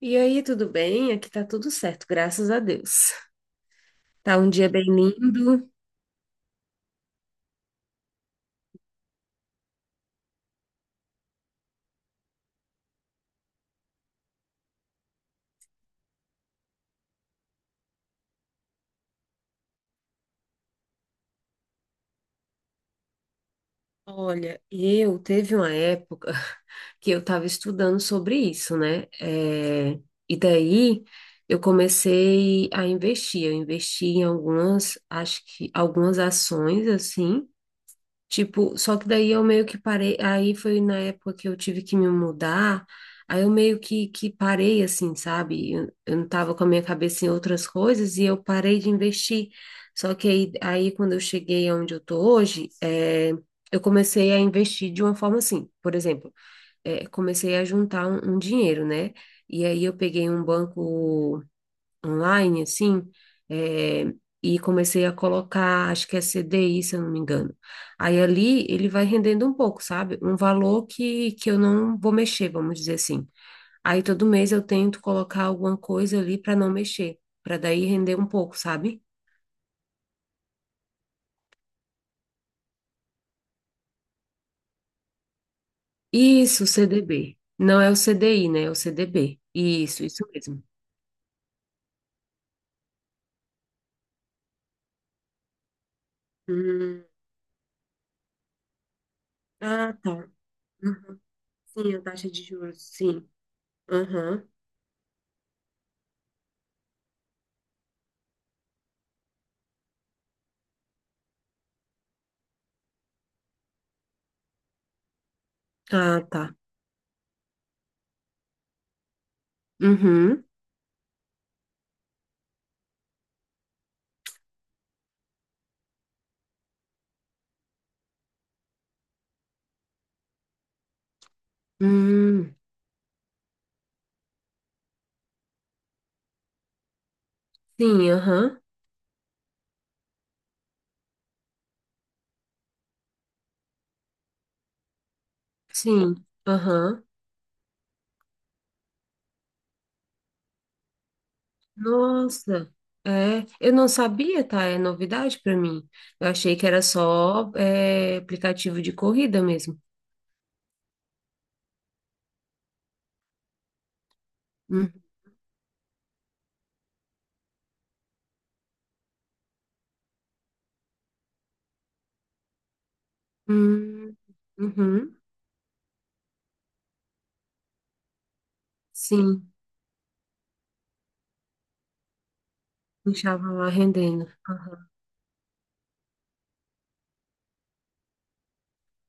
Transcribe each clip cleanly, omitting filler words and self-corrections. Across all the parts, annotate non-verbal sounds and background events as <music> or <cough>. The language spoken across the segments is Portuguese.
E aí, tudo bem? Aqui tá tudo certo, graças a Deus. Tá um dia bem lindo. Olha, eu teve uma época <laughs> que eu tava estudando sobre isso, né? É, e daí eu comecei a investir. Eu investi em algumas, acho que algumas ações assim. Tipo, só que daí eu meio que parei, aí foi na época que eu tive que me mudar, aí eu meio que parei assim, sabe? Eu não tava com a minha cabeça em outras coisas e eu parei de investir. Só que aí, quando eu cheguei onde eu tô hoje, é, eu comecei a investir de uma forma assim, por exemplo, é, comecei a juntar um dinheiro, né? E aí eu peguei um banco online, assim, é, e comecei a colocar, acho que é CDI, se eu não me engano. Aí ali ele vai rendendo um pouco, sabe? Um valor que eu não vou mexer, vamos dizer assim. Aí todo mês eu tento colocar alguma coisa ali para não mexer, para daí render um pouco, sabe? Isso, CDB. Não é o CDI, né? É o CDB. Isso, isso mesmo. Hum, ah, tá. Uhum. Sim, a taxa de juros, sim. Aham. Ah, tá. Uhum. Hum, sim, aham. Sim, aham. Nossa, é, eu não sabia, tá? É novidade para mim. Eu achei que era só aplicativo de corrida mesmo. Uhum, uhum, sim, deixava lá rendendo.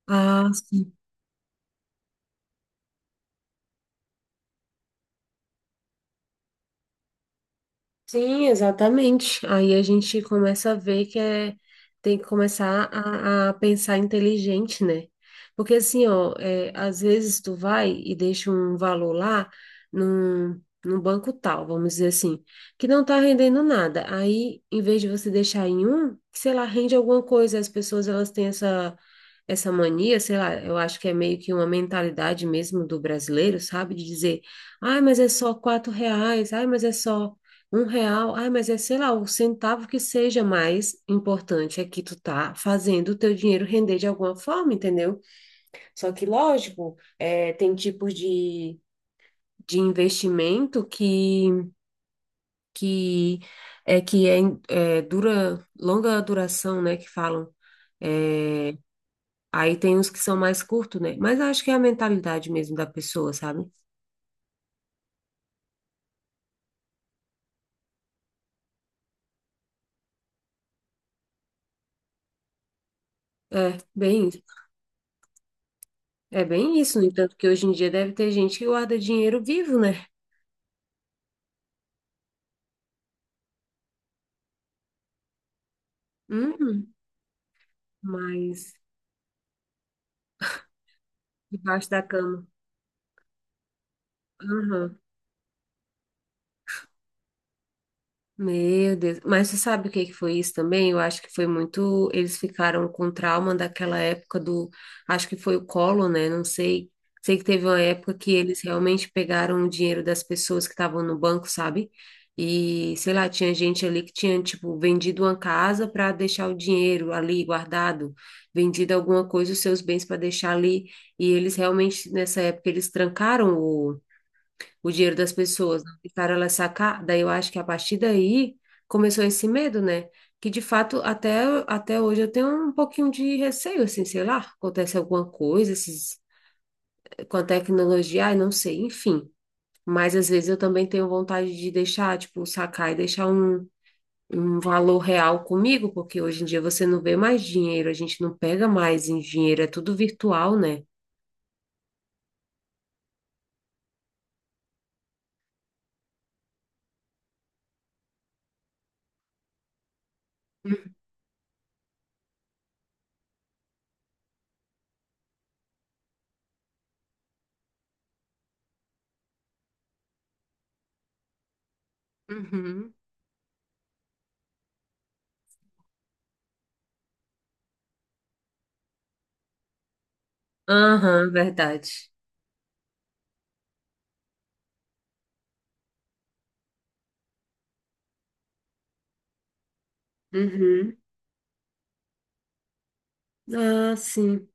Ah, sim. Sim, exatamente. Aí a gente começa a ver que é, tem que começar a pensar inteligente, né? Porque assim, ó, é, às vezes tu vai e deixa um valor lá num banco tal, vamos dizer assim, que não tá rendendo nada. Aí, em vez de você deixar em um, que, sei lá, rende alguma coisa. As pessoas, elas têm essa mania, sei lá, eu acho que é meio que uma mentalidade mesmo do brasileiro, sabe? De dizer, ai, mas é só 4 reais, ai, mas é só... 1 real, ai, mas é, sei lá, o centavo que seja mais importante é que tu tá fazendo o teu dinheiro render de alguma forma, entendeu? Só que, lógico, é, tem tipos de investimento que que é longa duração, né, que falam. É, aí tem os que são mais curtos, né? Mas acho que é a mentalidade mesmo da pessoa, sabe? É, bem, é bem isso. No entanto, que hoje em dia deve ter gente que guarda dinheiro vivo, né? Uhum. Mas debaixo da cama. Aham. Meu Deus. Mas você sabe o que que foi isso também? Eu acho que foi muito. Eles ficaram com trauma daquela época do. Acho que foi o colo, né? Não sei. Sei que teve uma época que eles realmente pegaram o dinheiro das pessoas que estavam no banco, sabe? E, sei lá, tinha gente ali que tinha, tipo, vendido uma casa para deixar o dinheiro ali guardado, vendido alguma coisa, os seus bens para deixar ali. E eles realmente, nessa época, eles trancaram o dinheiro das pessoas, não deixaram elas sacar. Daí eu acho que a partir daí começou esse medo, né? Que de fato até hoje eu tenho um pouquinho de receio, assim, sei lá, acontece alguma coisa, esses, com a tecnologia, ai, não sei, enfim. Mas às vezes eu também tenho vontade de deixar, tipo, sacar e deixar um valor real comigo, porque hoje em dia você não vê mais dinheiro, a gente não pega mais em dinheiro, é tudo virtual, né? Uhum, aham, verdade. Uhum. Ah, sim.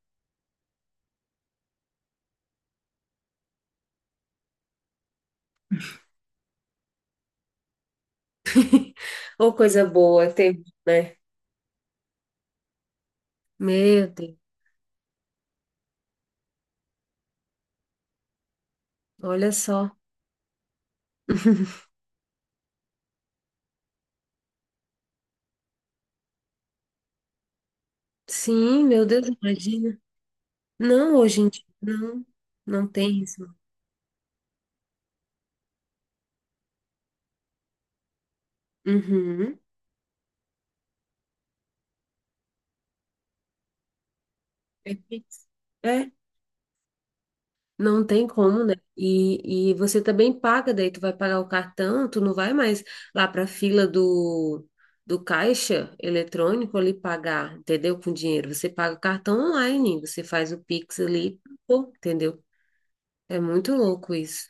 <laughs> Ou coisa boa, tem, né? Meu Deus, olha só. Sim, meu Deus, imagina. Não, hoje em dia, não, não tem isso. Uhum. É, isso. É, não tem como, né? E você também paga, daí tu vai pagar o cartão, tu não vai mais lá para a fila do caixa eletrônico ali pagar, entendeu? Com dinheiro. Você paga o cartão online, você faz o Pix ali, pô, entendeu? É muito louco isso.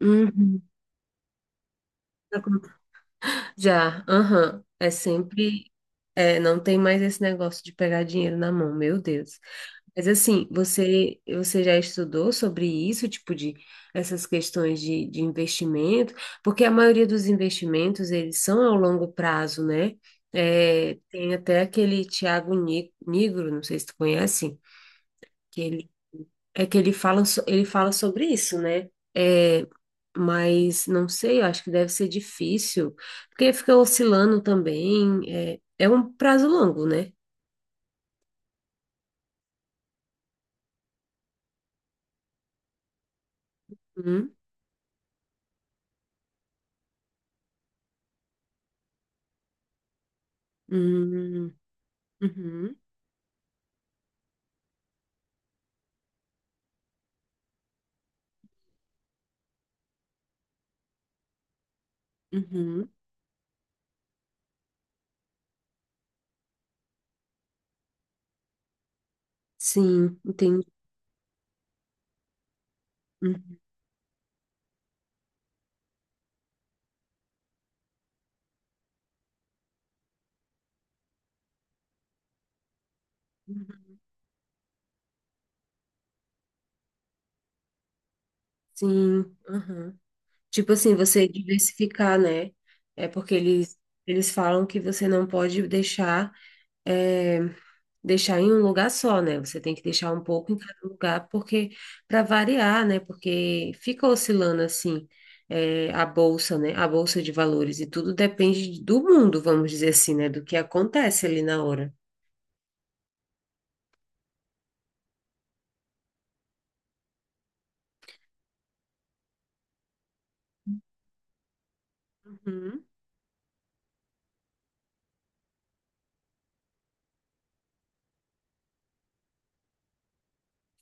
Uhum. Já, aham. É sempre. É, não tem mais esse negócio de pegar dinheiro na mão, meu Deus. Mas assim, você já estudou sobre isso, tipo de essas questões de investimento? Porque a maioria dos investimentos, eles são ao longo prazo, né? É, tem até aquele Tiago Nigro, não sei se tu conhece, que ele, é que ele fala, so- ele fala sobre isso, né? É, mas não sei, eu acho que deve ser difícil, porque fica oscilando também, é um prazo longo, né? Uhum, uhum, uhum, uhum. Sim, entendi. Uhum, sim, uhum. Tipo assim, você diversificar, né? É porque eles falam que você não pode eh, deixar em um lugar só, né? Você tem que deixar um pouco em cada lugar, porque para variar, né? Porque fica oscilando assim, é, a bolsa, né? A bolsa de valores e tudo depende do mundo, vamos dizer assim, né? Do que acontece ali na hora. Uhum.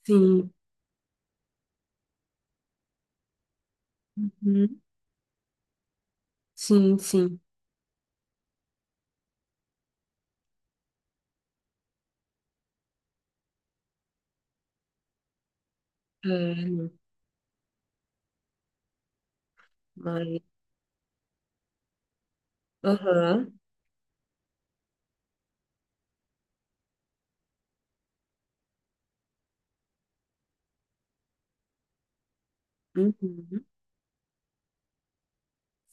Sim, uhum. Sim, sim. É, mas, aham, uhum.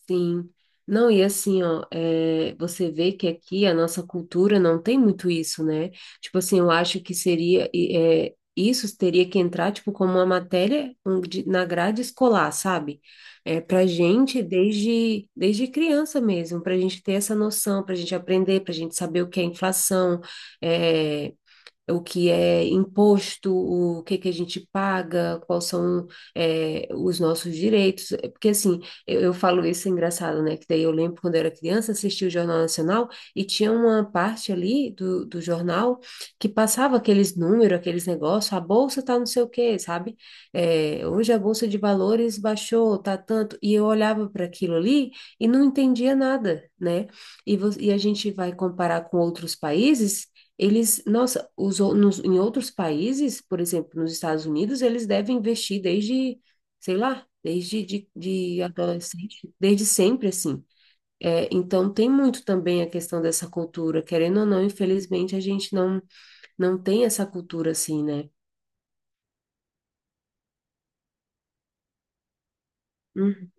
Sim. Não, e assim, ó, é, você vê que aqui a nossa cultura não tem muito isso, né? Tipo assim, eu acho que seria, e, é, isso teria que entrar, tipo, como uma matéria na grade escolar, sabe? É, pra gente, desde criança mesmo, pra gente ter essa noção, pra gente aprender, pra gente saber o que é inflação, eh, o que é imposto, o que que a gente paga, quais são os nossos direitos. É porque assim, eu falo isso é engraçado, né? Que daí eu lembro quando eu era criança, assistia o Jornal Nacional e tinha uma parte ali do jornal que passava aqueles números, aqueles negócios, a bolsa tá não sei o quê, sabe? É, hoje a bolsa de valores baixou, tá tanto. E eu olhava para aquilo ali e não entendia nada, né? E a gente vai comparar com outros países eles, nossa, em outros países, por exemplo, nos Estados Unidos, eles devem investir desde, sei lá, desde de adolescente, desde sempre, assim. É, então, tem muito também a questão dessa cultura, querendo ou não, infelizmente, a gente não tem essa cultura assim, né? Uhum.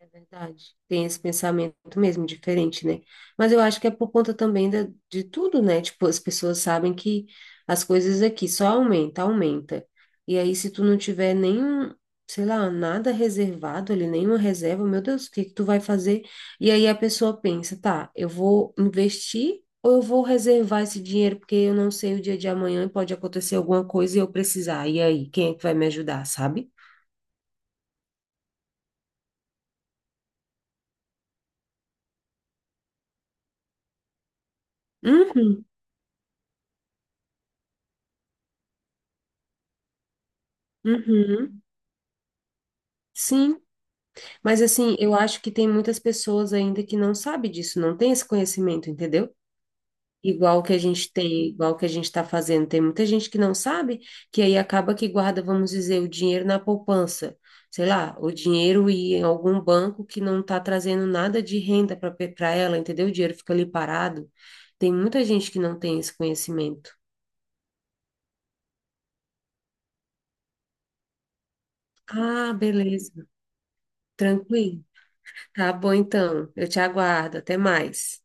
É verdade. Tem esse pensamento mesmo diferente, né? Mas eu acho que é por conta também de tudo, né? Tipo, as pessoas sabem que as coisas aqui só aumenta, aumenta. E aí, se tu não tiver nenhum, sei lá, nada reservado ali, nenhuma reserva, meu Deus, o que que tu vai fazer? E aí a pessoa pensa, tá, eu vou investir ou eu vou reservar esse dinheiro porque eu não sei o dia de amanhã e pode acontecer alguma coisa e eu precisar. E aí, quem é que vai me ajudar, sabe? Uhum, uhum. Sim. Mas assim, eu acho que tem muitas pessoas ainda que não sabe disso, não tem esse conhecimento, entendeu? Igual que a gente tem, igual que a gente está fazendo, tem muita gente que não sabe, que aí acaba que guarda, vamos dizer, o dinheiro na poupança, sei lá, o dinheiro e em algum banco que não está trazendo nada de renda para ela, entendeu? O dinheiro fica ali parado. Tem muita gente que não tem esse conhecimento. Ah, beleza, tranquilo. Tá bom então. Eu te aguardo. Até mais.